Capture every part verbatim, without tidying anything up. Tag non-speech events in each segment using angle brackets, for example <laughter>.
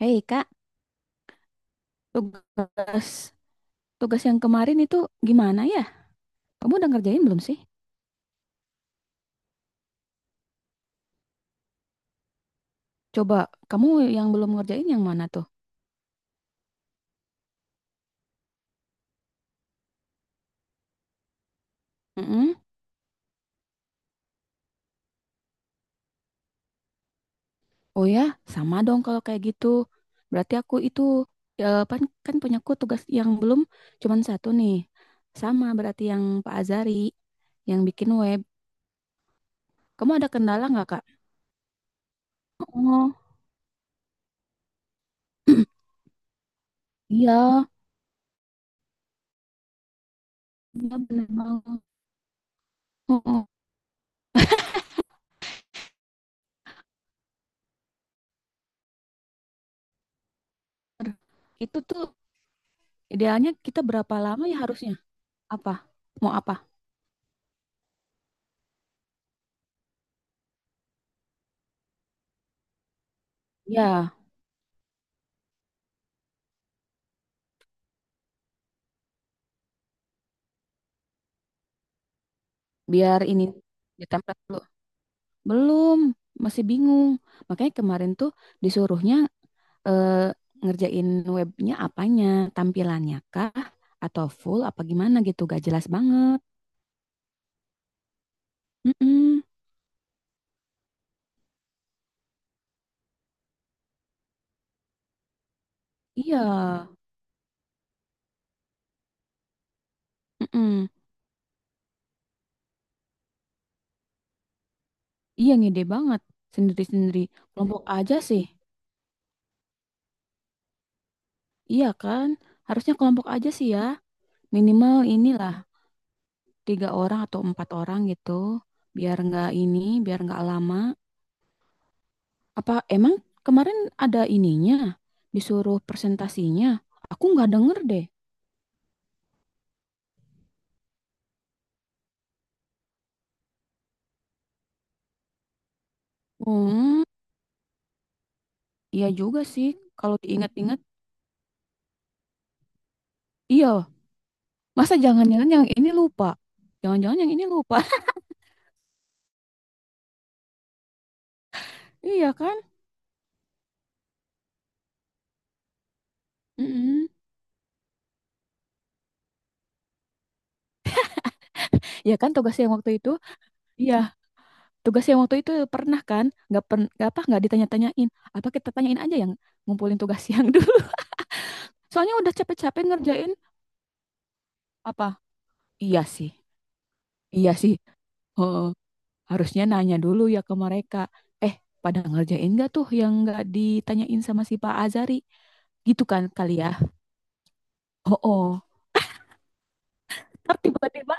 Hei Kak, tugas tugas yang kemarin itu gimana ya? Kamu udah ngerjain belum sih? Coba kamu yang belum ngerjain yang mana tuh? Mm-mm. Oh ya, sama dong kalau kayak gitu. Berarti aku itu ya, pan- kan punya aku tugas yang belum cuman satu nih. Sama berarti yang Pak Azari yang bikin web. Kamu ada kendala nggak Kak? Oh, <clears throat> iya, iya bener banget. Oh, oh. Itu tuh idealnya kita berapa lama ya harusnya? Apa? Mau apa? Ya, biar ini ditempel dulu. Belum, masih bingung. Makanya kemarin tuh disuruhnya eh, ngerjain webnya apanya, tampilannya kah, atau full apa gimana gitu, gak jelas banget. Mm-mm. Iya, mm-mm. Iya ngide banget, sendiri-sendiri. Kelompok aja sih, iya kan? Harusnya kelompok aja sih ya, minimal inilah tiga orang atau empat orang gitu, biar nggak ini, biar nggak lama. Apa emang kemarin ada ininya? Disuruh presentasinya? Aku nggak denger deh. Hmm, iya juga sih. Kalau diingat-ingat, iya. Masa jangan-jangan yang ini lupa? Jangan-jangan yang ini lupa. <laughs> Iya kan? Mm-mm. Iya kan tugas yang waktu itu? Iya, tugas yang waktu itu pernah kan? Nggak per nggak apa nggak ditanya-tanyain. Apa kita tanyain aja yang ngumpulin tugas yang dulu? <laughs> Soalnya udah capek-capek ngerjain apa? Iya sih. Iya sih. Oh. Harusnya nanya dulu ya ke mereka eh pada ngerjain nggak tuh yang nggak ditanyain sama si Pak Azari gitu kan kali ya. Oh, oh, ntar tiba-tiba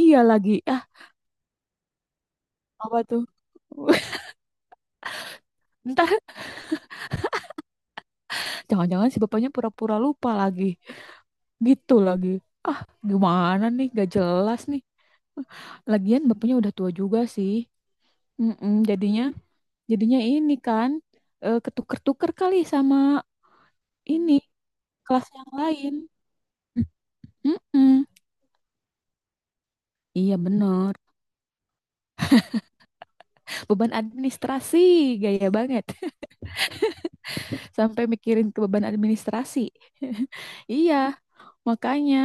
iya lagi ah apa tuh. <laughs> Ntar jangan-jangan si bapaknya pura-pura lupa lagi gitu lagi ah gimana nih gak jelas nih lagian bapaknya udah tua juga sih. Mm-mm, jadinya jadinya ini kan eh, ketuker-tuker kali sama ini kelas yang lain. Mm-mm. Iya bener. Beban administrasi, gaya banget. <laughs> Sampai mikirin ke beban administrasi. <laughs> Iya, makanya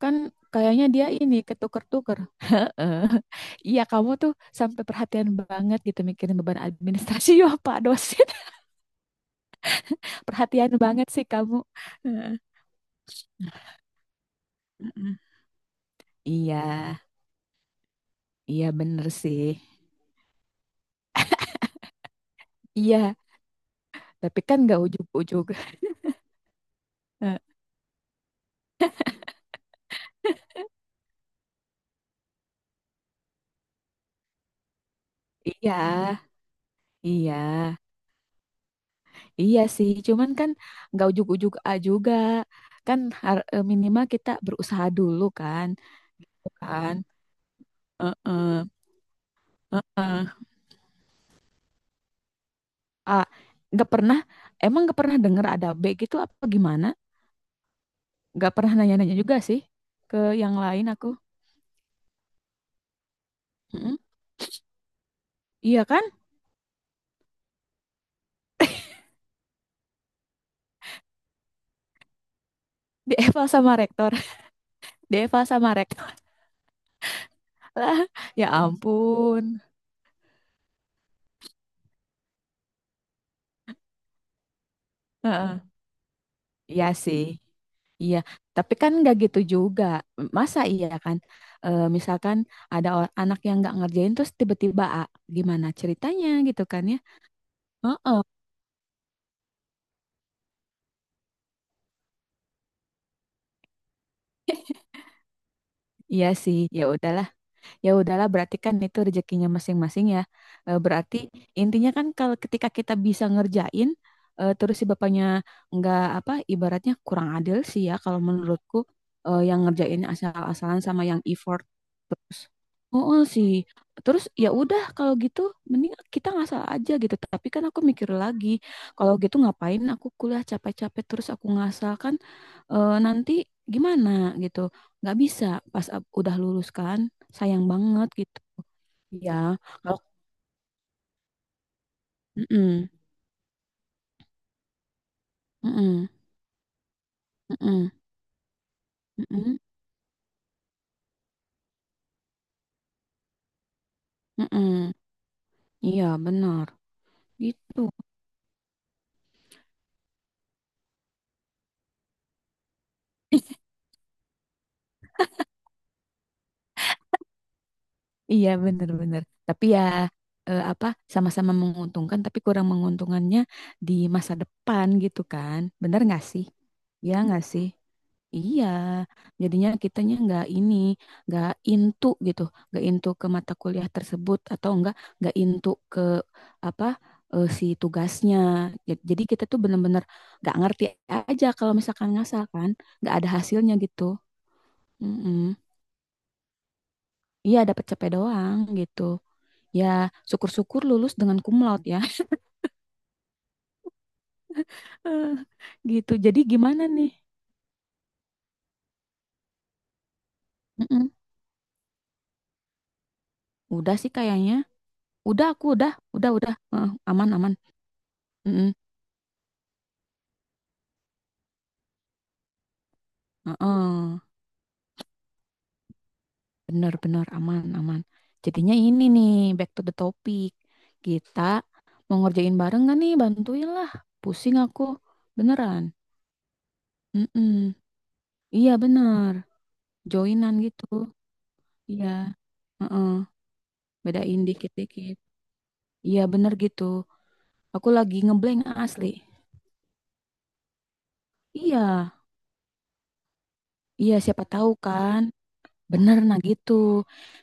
kan kayaknya dia ini ketuker-tuker. Heeh. <laughs> Iya, kamu tuh sampai perhatian banget gitu mikirin beban administrasi. <laughs> Ya, Pak dosen, <laughs> perhatian banget sih kamu. Heeh. Heeh. Iya, iya bener sih. Iya, tapi kan nggak ujuk-ujuk. <laughs> Iya, iya. Iya sih, cuman kan nggak ujuk-ujuk A juga. Kan har- eh, minimal kita berusaha dulu kan. Kan? Heeh, heeh. A, nggak pernah, emang nggak pernah denger ada B gitu apa gimana? Nggak pernah nanya-nanya juga sih ke yang lain aku. Heeh. Iya kan? <laughs> Dieval sama rektor. <laughs> Dieval sama rektor. <laughs> Lah, ya ampun. Heeh. Iya sih. Iya, tapi kan nggak gitu juga. Masa iya kan? Eh, misalkan ada or- anak yang nggak ngerjain terus tiba-tiba "Ah, gimana ceritanya gitu kan ya? Heeh. Iya sih. Ya udah ya udahlah berarti kan itu rezekinya masing-masing ya. Eh, berarti intinya kan kalau ketika kita bisa ngerjain eh, terus si bapaknya nggak apa ibaratnya kurang adil sih ya kalau menurutku eh, yang ngerjain asal-asalan sama yang effort terus oh, oh, sih terus ya udah kalau gitu mending kita ngasal aja gitu tapi kan aku mikir lagi kalau gitu ngapain aku kuliah capek-capek terus aku ngasal kan eh, nanti gimana gitu nggak bisa pas ab- udah lulus kan sayang banget gitu ya kalau. Mm-mm, mm-mm, mm-mm, mm-mm, mm-mm. Iya benar gitu. Iya benar benar. Tapi ya eh, apa sama-sama menguntungkan tapi kurang menguntungkannya di masa depan gitu kan. Benar nggak sih? Iya nggak sih? Iya, jadinya kitanya nggak ini, nggak into gitu, nggak into ke mata kuliah tersebut atau enggak nggak into ke apa eh, si tugasnya. Ja- Jadi kita tuh bener-bener nggak ngerti aja kalau misalkan ngasal kan, nggak ada hasilnya gitu. Mm-mm. Iya, dapat capek doang gitu. Ya, syukur-syukur lulus dengan cum laude ya. <laughs> Eh, gitu. Jadi gimana nih? Mm-mm. Udah sih kayaknya. Udah aku udah, udah udah. Eh, aman aman. Mm-mm. Heeh. Benar-benar aman-aman. Jadinya ini nih, back to the topic. Kita mau ngerjain bareng gak nih? Bantuin lah. Pusing aku. Beneran. Mm-mm. Iya bener. Joinan gitu. Iya. Heeh. Bedain dikit-dikit. Iya bener gitu. Aku lagi ngeblank asli. Iya. Iya siapa tahu kan. Bener, nah gitu.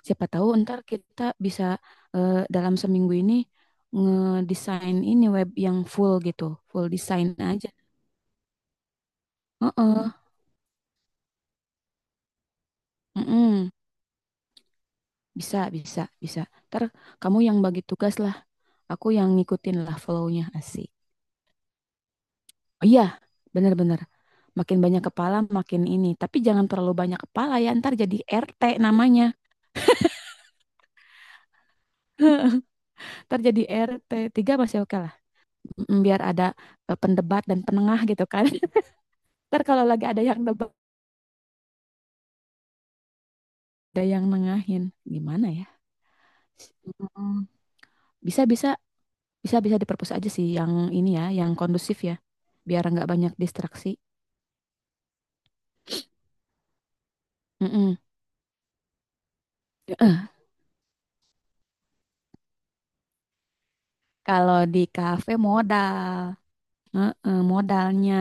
Siapa tahu ntar kita bisa eh, dalam seminggu ini ngedesain ini web yang full gitu, full desain aja. Heeh, mm-mm. Bisa, bisa, bisa. Ntar kamu yang bagi tugas lah, aku yang ngikutin lah flow-nya asik. Oh iya, bener-bener. Makin banyak kepala, makin ini. Tapi jangan terlalu banyak kepala ya, ntar jadi R T namanya. Ntar jadi R T tiga masih oke lah. Mm, Biar ada eh, pendebat dan penengah gitu kan. <laughs> Ntar kalau lagi ada yang debat ada yang nengahin gimana ya. Mm, bisa bisa bisa bisa diperpus aja sih yang ini ya yang kondusif ya biar nggak banyak distraksi. Mm-mm. Heeh. Kalau di kafe modal. Heeh, modalnya.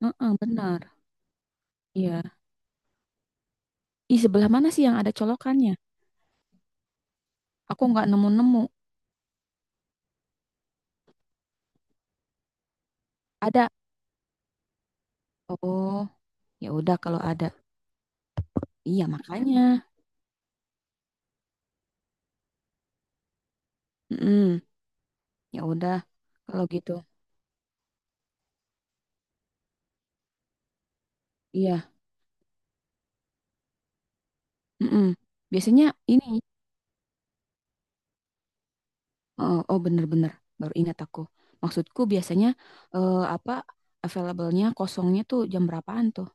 Heeh, benar iya. Ih, sebelah mana sih yang ada colokannya aku nggak nemu-nemu ada oh ya udah kalau ada iya makanya. Mm-mm. Ya udah kalau gitu iya. Mm-mm. Biasanya ini. Oh, oh bener-bener baru ingat aku. Maksudku biasanya eh, apa available-nya kosongnya tuh jam berapaan tuh?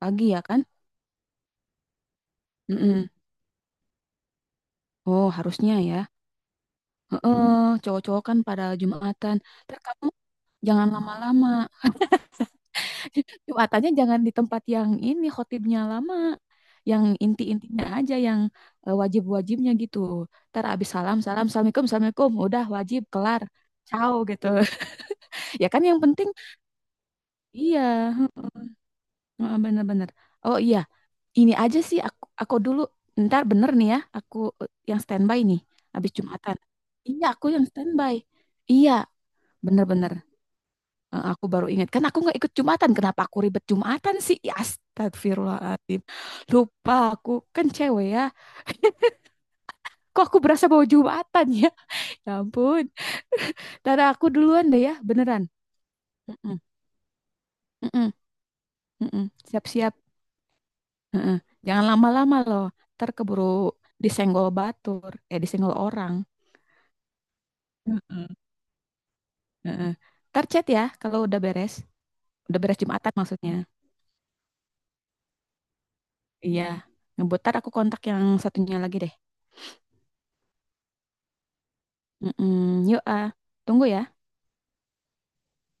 Pagi ya kan? Mm-mm. Oh harusnya ya. Heeh, cowok-cowok kan pada Jumatan. Terus kamu jangan lama-lama. <laughs> Jumatannya jangan di tempat yang ini khotibnya lama. Yang inti-intinya aja yang eh, wajib-wajibnya gitu. Ntar abis salam, salam, assalamualaikum, assalamualaikum. Udah wajib kelar. Ciao gitu. <laughs> Ya kan yang penting iya, heeh, bener-bener. Oh iya, ini aja sih aku aku dulu ntar bener nih ya, aku eh, yang standby nih habis Jumatan. Iya, aku yang standby. Iya, bener-bener. Eh, aku baru ingat kan aku nggak ikut Jumatan. Kenapa aku ribet Jumatan sih? Ya, Astagfirullahaladzim. Lupa aku kan cewek ya. <laughs> Kok aku berasa bawa Jumatan ya? Ya ampun. Tada aku duluan deh ya, beneran. Mm-mm, mm-mm, mm-mm. Siap-siap. Mm-mm. Jangan lama-lama loh. Ntar keburu disenggol batur. Eh, disenggol orang. Heeh. Ntar chat ya kalau udah beres. Udah beres Jumatan maksudnya. Iya. Ngebutar aku kontak yang satunya lagi deh. Mm-mm. Yuk, ah. Tunggu ya.